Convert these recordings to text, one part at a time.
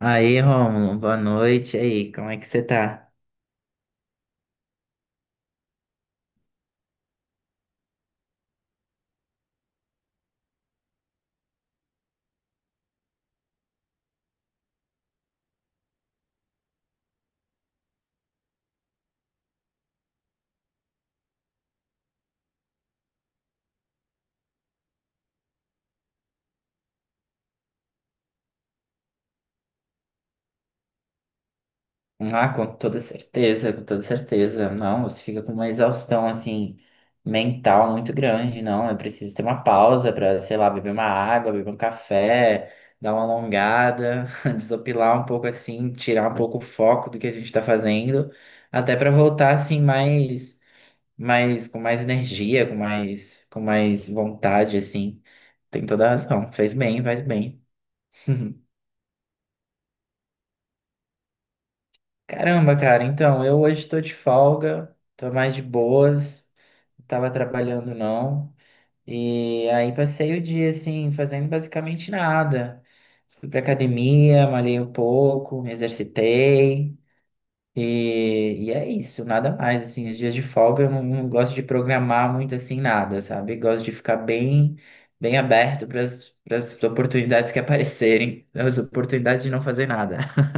Aí, Rômulo, boa noite. E aí, como é que você tá? Ah, com toda certeza, com toda certeza. Não, você fica com uma exaustão, assim, mental muito grande, não. É preciso ter uma pausa pra, sei lá, beber uma água, beber um café, dar uma alongada, desopilar um pouco, assim, tirar um pouco o foco do que a gente tá fazendo, até pra voltar, assim, com mais energia, com mais vontade, assim. Tem toda a razão. Fez bem, faz bem. Caramba, cara, então, eu hoje tô de folga, tô mais de boas, não tava trabalhando não. E aí passei o dia, assim, fazendo basicamente nada. Fui pra academia, malhei um pouco, me exercitei. E é isso, nada mais, assim, os dias de folga eu não gosto de programar muito, assim, nada, sabe? Gosto de ficar bem aberto para as oportunidades que aparecerem, as oportunidades de não fazer nada.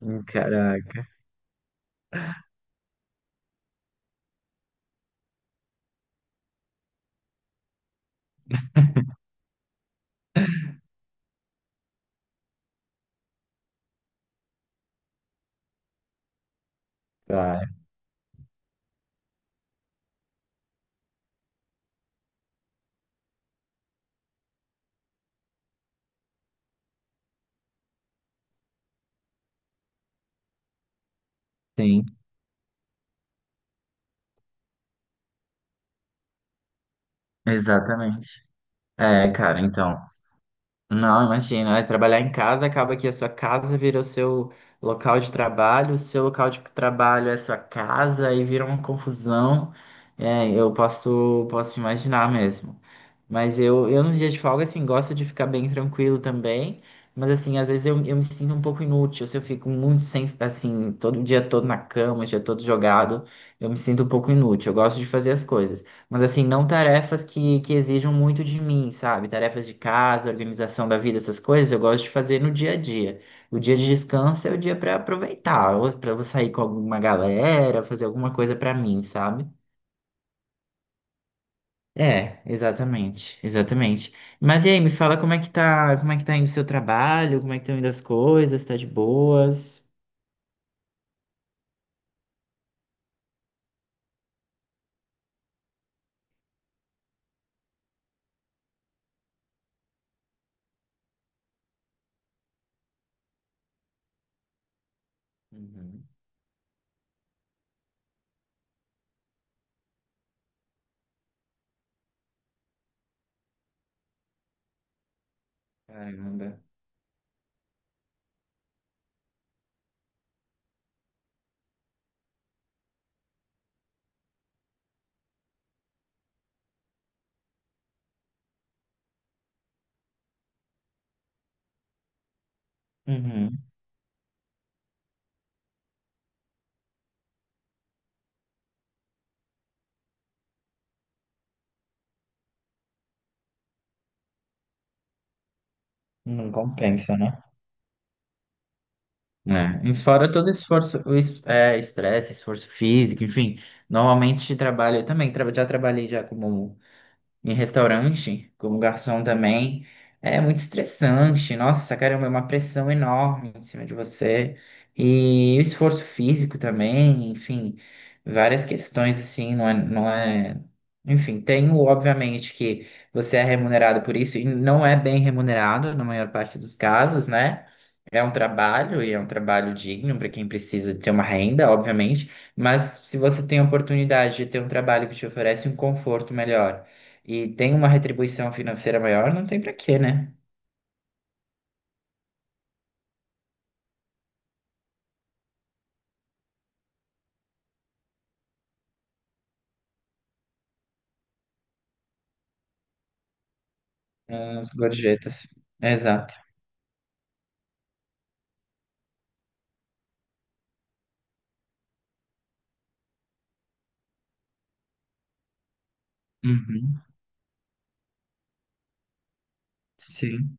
Caraca. Claro. Exatamente. É, cara, então. Não, imagina, é, trabalhar em casa acaba que a sua casa vira o seu local de trabalho, o seu local de trabalho é a sua casa e vira uma confusão. É, eu posso imaginar mesmo. Mas eu nos dias de folga, assim, gosto de ficar bem tranquilo também. Mas, assim, às vezes eu me sinto um pouco inútil. Se eu fico muito sem, assim, todo o dia todo na cama, o dia todo jogado, eu me sinto um pouco inútil. Eu gosto de fazer as coisas. Mas assim, não tarefas que exijam muito de mim, sabe? Tarefas de casa, organização da vida, essas coisas, eu gosto de fazer no dia a dia. O dia de descanso é o dia para aproveitar, ou para eu sair com alguma galera, fazer alguma coisa para mim, sabe? É, exatamente, exatamente. Mas e aí, me fala como é que tá indo o seu trabalho, como é que estão indo as coisas, tá de boas? Uhum. Caramba. Uhum. Não compensa, né né? E fora todo esforço, estresse, esforço físico, enfim. Normalmente trabalho, eu também já trabalhei já como em restaurante, como garçom também, é muito estressante. Nossa, caramba, é uma pressão enorme em cima de você. E o esforço físico também, enfim, várias questões assim, não é, não é... Enfim, tem o, obviamente, que você é remunerado por isso e não é bem remunerado na maior parte dos casos, né? É um trabalho e é um trabalho digno para quem precisa ter uma renda, obviamente, mas se você tem a oportunidade de ter um trabalho que te oferece um conforto melhor e tem uma retribuição financeira maior, não tem pra quê, né? As gorjetas. Exato. Uhum. Sim.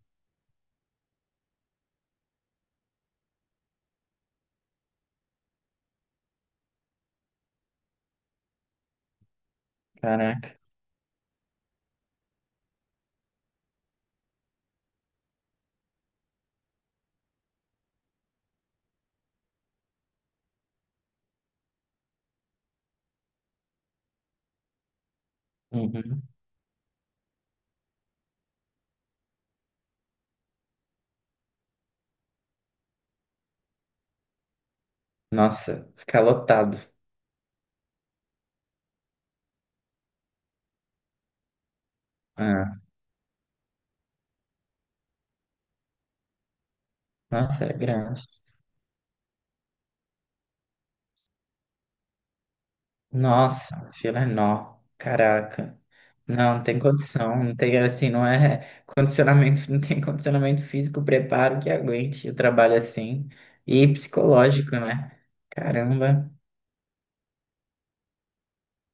Caraca. Uhum. Nossa, fica lotado. Ah, nossa, era grande. Nossa, a fila é nó. Caraca. Não, não tem condição. Não tem, assim, não é condicionamento, não tem condicionamento físico, preparo que aguente o trabalho assim. E psicológico, né? Caramba.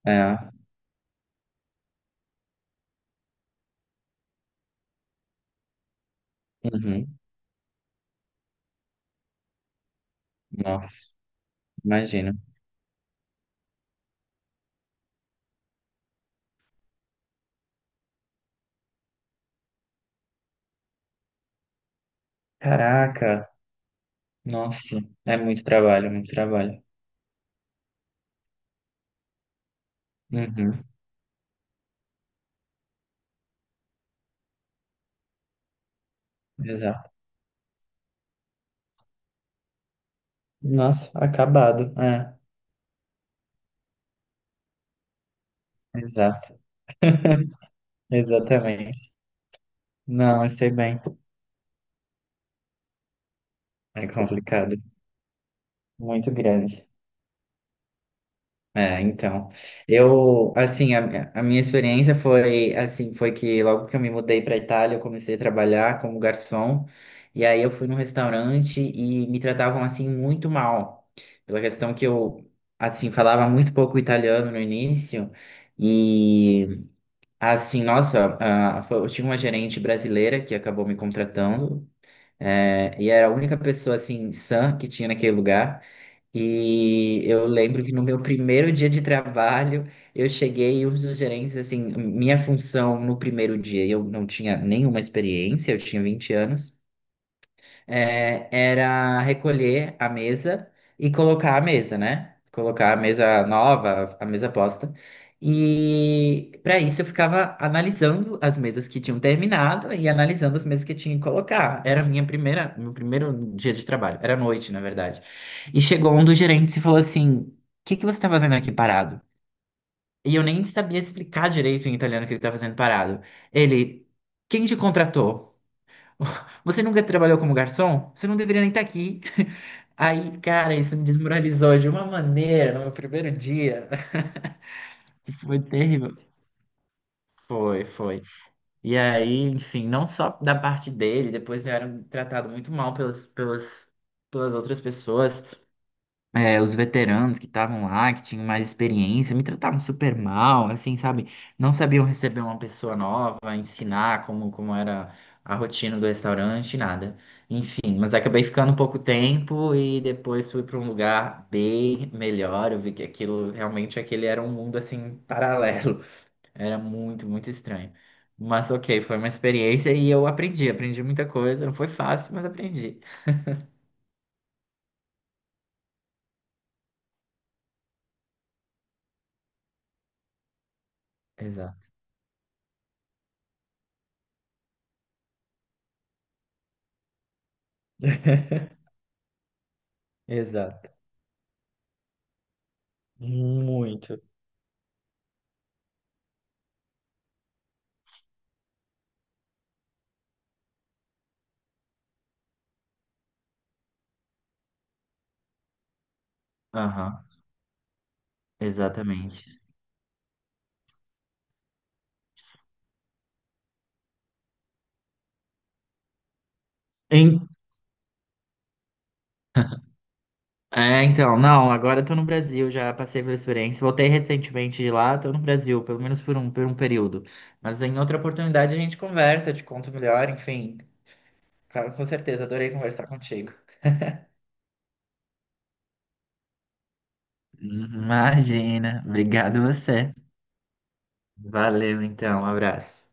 É. Uhum. Nossa, imagina. Caraca. Nossa, é muito trabalho, muito trabalho. Uhum, exato. Nossa, acabado. É, exato, exatamente. Não, eu sei bem. É complicado, muito grande. É, então, eu, assim, a minha experiência foi, assim, foi que logo que eu me mudei para Itália, eu comecei a trabalhar como garçom, e aí eu fui num restaurante e me tratavam, assim, muito mal, pela questão que eu, assim, falava muito pouco italiano no início, e assim, nossa, ah, eu tive uma gerente brasileira que acabou me contratando, e era a única pessoa, assim, sã que tinha naquele lugar. E eu lembro que no meu primeiro dia de trabalho, eu cheguei e os gerentes, assim, minha função no primeiro dia, eu não tinha nenhuma experiência, eu tinha 20 anos, era recolher a mesa e colocar a mesa, né? Colocar a mesa nova, a mesa posta. E para isso eu ficava analisando as mesas que tinham terminado e analisando as mesas que eu tinha que colocar. Era meu primeiro dia de trabalho. Era noite, na verdade. E chegou um dos gerentes e falou assim: O que que você está fazendo aqui parado? E eu nem sabia explicar direito em italiano o que ele estava fazendo parado. Ele, quem te contratou? Você nunca trabalhou como garçom? Você não deveria nem estar aqui. Aí, cara, isso me desmoralizou de uma maneira no meu primeiro dia. Foi terrível. Foi, foi. E aí, enfim, não só da parte dele, depois eu era tratado muito mal pelas outras pessoas. Os veteranos que estavam lá, que tinham mais experiência, me tratavam super mal, assim, sabe? Não sabiam receber uma pessoa nova, ensinar como era a rotina do restaurante, nada. Enfim, mas acabei ficando pouco tempo e depois fui para um lugar bem melhor. Eu vi que aquilo, realmente, aquele era um mundo, assim, paralelo. Era muito, muito estranho. Mas ok, foi uma experiência e eu aprendi, aprendi muita coisa. Não foi fácil, mas aprendi. Exato. Exato. Muito. Aham. Exatamente. Em- É, então, não, agora eu tô no Brasil, já passei pela experiência, voltei recentemente de lá, tô no Brasil, pelo menos por um período. Mas em outra oportunidade a gente conversa, te conto melhor, enfim. Cara, com certeza, adorei conversar contigo. Imagina, obrigado você. Valeu, então, um abraço.